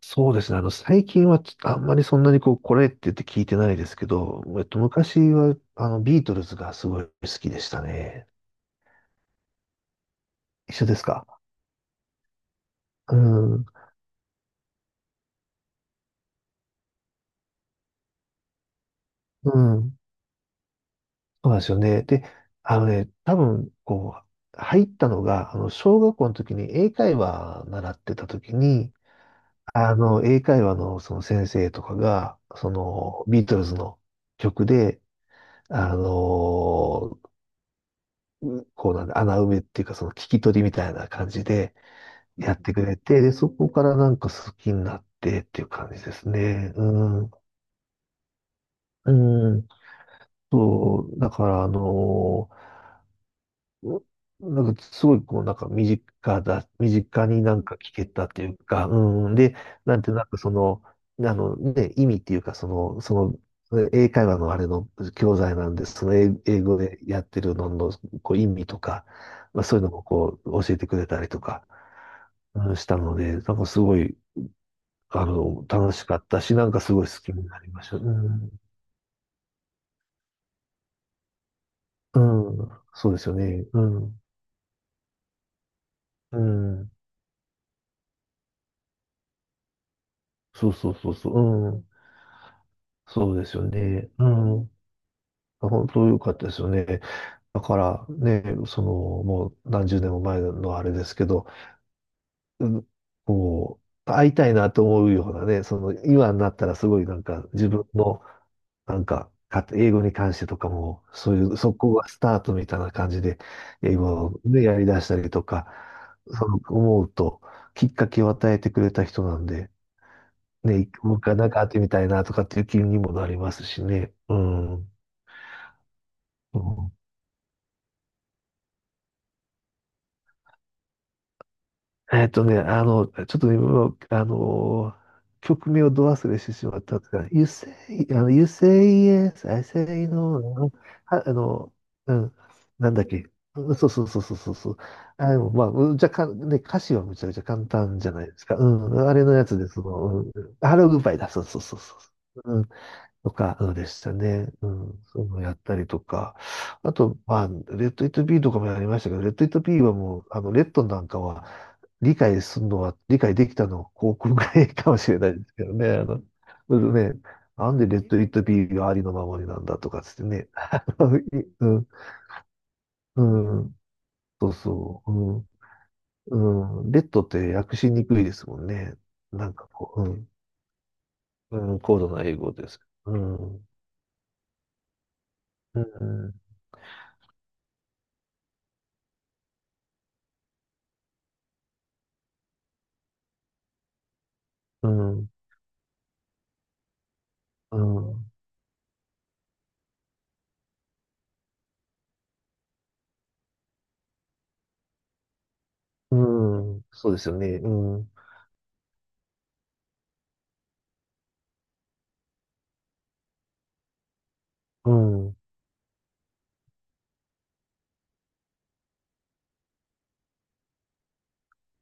そうですね。最近はちあんまりそんなにこう、これって言って聞いてないですけど、昔は、ビートルズがすごい好きでしたね。一緒ですか？うん、うん、そうなんですよね。で、あのね、多分、こう、入ったのが、小学校の時に英会話習ってた時に、英会話のその先生とかが、その、ビートルズの曲で、あのこうなんだ、穴埋めっていうか、その聞き取りみたいな感じで、やってくれて、で、そこからなんか好きになってっていう感じですね。うん。うん。そう、だからうなんかすごいこうなんか身近になんか聞けたっていうか、うん。で、なんてなんかその、あのね、意味っていうかその、その、英会話のあれの教材なんで、その英英語でやってるののこう意味とか、まあ、そういうのもこう教えてくれたりとか、うんしたので、なんかすごい楽しかったし、なんかすごい好きになりました。うん。うん。そうですよね。うん。うん。そうそうそうそう。うん。そうですよね。うん。本当良かったですよね。だからね、その、もう何十年も前のあれですけど、うんこう、会いたいなと思うようなね、その、今になったらすごいなんか自分のなんか、か英語に関してとかも、そういう、そこがスタートみたいな感じで、英語でやり出したりとか、その思うと、きっかけを与えてくれた人なんで、ね、もう一回なんか会ってみたいなとかっていう気にもなりますしね。うん。うん。ちょっと今、もうあの、曲名をど忘れしてしまったんですが、You say、 You say yes, I say no、 は、あの、うん、なんだっけ。うんそうそうそうそうそうそう。あ、でもまあ、うんじゃか、ね、歌詞はむちゃくちゃ簡単じゃないですか。うん、あれのやつです。その、うん、ハローグッバイだ。そうそうそうそう。とかでしたね。うん。そういうのをやったりとか。あと、まあ、レッド・イット・ビーとかもやりましたけど、レッド・イット・ビーはもう、レッドなんかは、理解できたのは航空ぐらいかもしれないですけどね。あの、うんね、なんでレッド・イット・ビーがありのままになんだとかつってね。あのいうん、うん、そうそう。うん、うん、レッドって訳しにくいですもんね。なんかこう、うん、うん、高度な英語です。うん、うん、うん、うん。うん、そうですよね。うん、うん、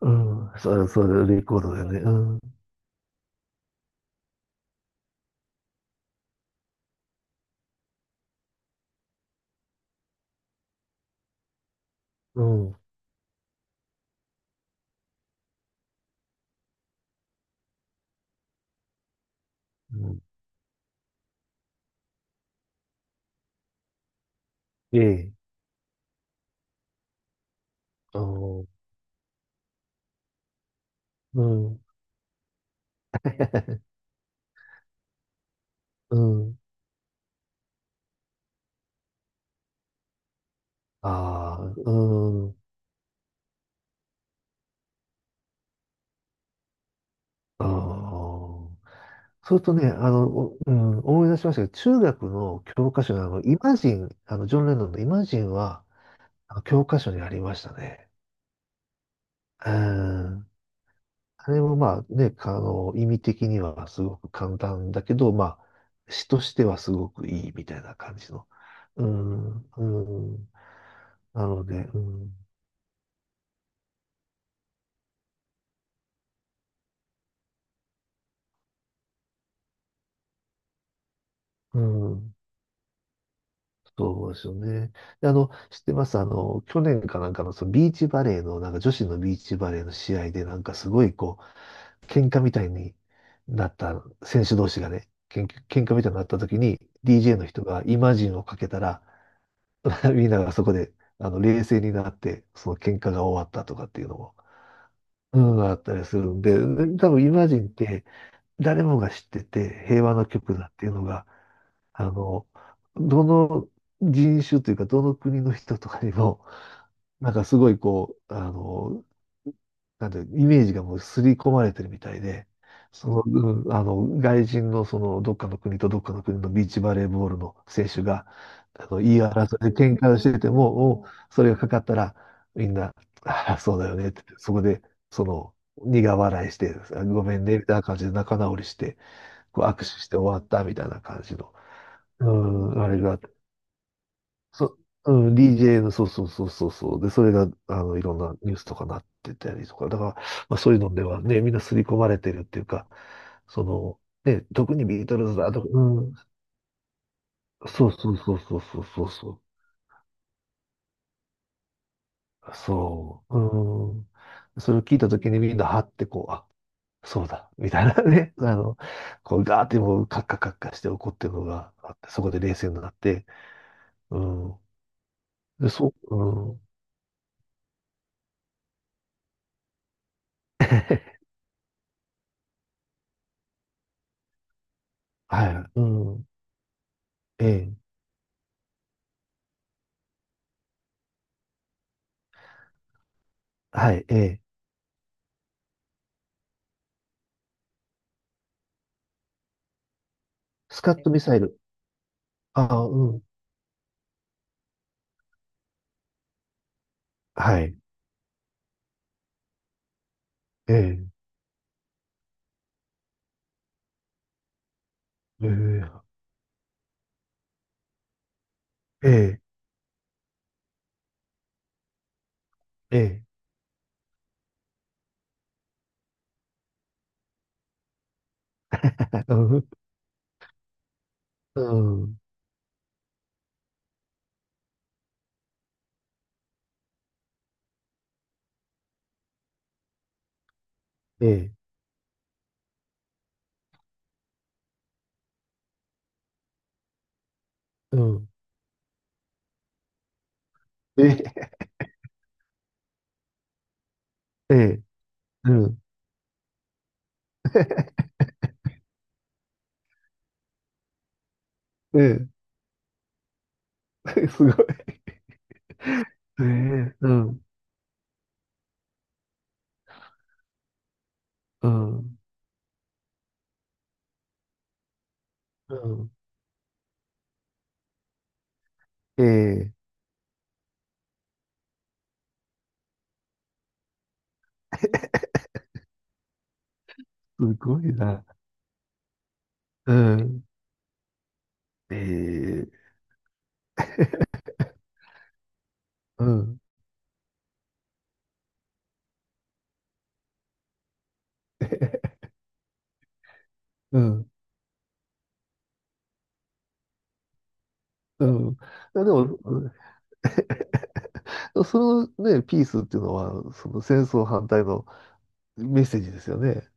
うん、そう、そう、レコードだよね。うん、うん、うん、ええ、あの、うん、うん、ああ、うん、ああ。それとね、あの、おうん、思い出しましたけど、中学の教科書のあの、イマジン、あの、ジョン・レノンのイマジンは、あの教科書にありましたね。うんあれもまあね、意味的にはすごく簡単だけど、まあ、詩としてはすごくいいみたいな感じの。うん、うん。なので、うん、うん、そうですよね。で知ってますあの、去年かなんかの、そのビーチバレーの、なんか女子のビーチバレーの試合で、なんかすごいこう、喧嘩みたいになった選手同士がね、喧嘩みたいになった時に、DJ の人がイマジンをかけたら、みんながそこで、冷静になって、その喧嘩が終わったとかっていうのも、うん、あったりするんで、で多分イマジンって誰もが知ってて平和の曲だっていうのが、あの、どの人種というか、どの国の人とかにも、なんかすごいこう、あの、なんで、イメージがもう刷り込まれてるみたいで、その、うん、外人のその、どっかの国とどっかの国のビーチバレーボールの選手が、言い争いで喧嘩をしてても、おそれがかかったら、みんな、ああ、そうだよねって言って、そこで、その、苦笑いして、あごめんね、みたいな感じで仲直りして、こう握手して終わったみたいな感じの、うん、あれがあっそ、うん、DJ の、そうそうそうそうそう。で、それが、いろんなニュースとかなってたりとか、だから、まあ、そういうのではね、みんな刷り込まれてるっていうか、その、ね、特にビートルズだとか、うん、そうそうそうそうそうそうそう。そう、うん。それを聞いたときにみんな、はってこう、あ、そうだ、みたいなね、あの、こう、ガーってもう、カッカカッカして怒ってるのがあって、そこで冷静になって、うん。で、そう、うん。はい、うん。ええ、はい、ええ。スカットミサイル。ああ、うん。はい。ええ、ええ、ええ、ええ、うん、うん、ええ、うん、ええ、ええ、うん、ええ、すごい。ええ、うん、うん、うん、ええ、すごいな。うん、ええ、うん、うん、うん。いやでも、うんそのね、ピースっていうのは、その戦争反対のメッセージですよね。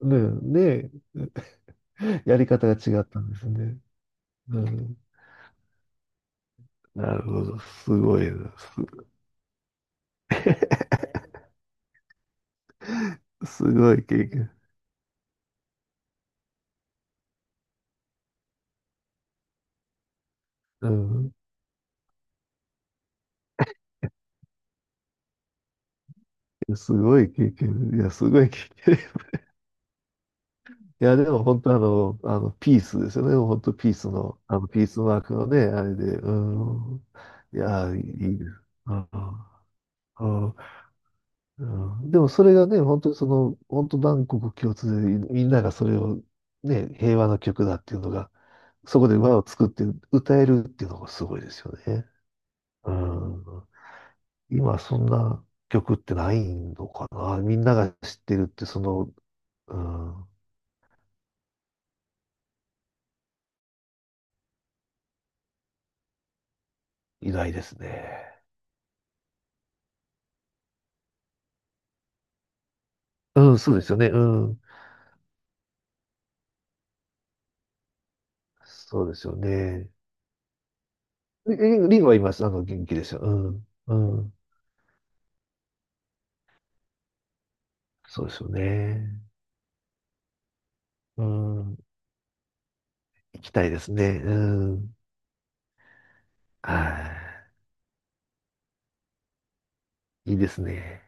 ねねえ やり方が違ったんですね。うん。なるほど。すごいな。す、すごい経験。うん。いやすごい経験。いや、すごい経験。いや、でも本当あの、あの、ピースですよね。本当ピースの、あの、ピースマークのね、あれで。うん。いや、いいです。うん。うんうんでもそれがね、本当にその、本当万国共通で、みんながそれを、ね、平和の曲だっていうのが、そこで輪を作って歌えるっていうのがすごいですよね。うん。今そんな曲ってないのかな。みんなが知ってるってその、うん、いですね。うん、そうですよね。うん。そうですよね。リンリンは今、元気ですよ。うん。うん。そうですよね。うん。行きたいですね。うん。はい。いいですね。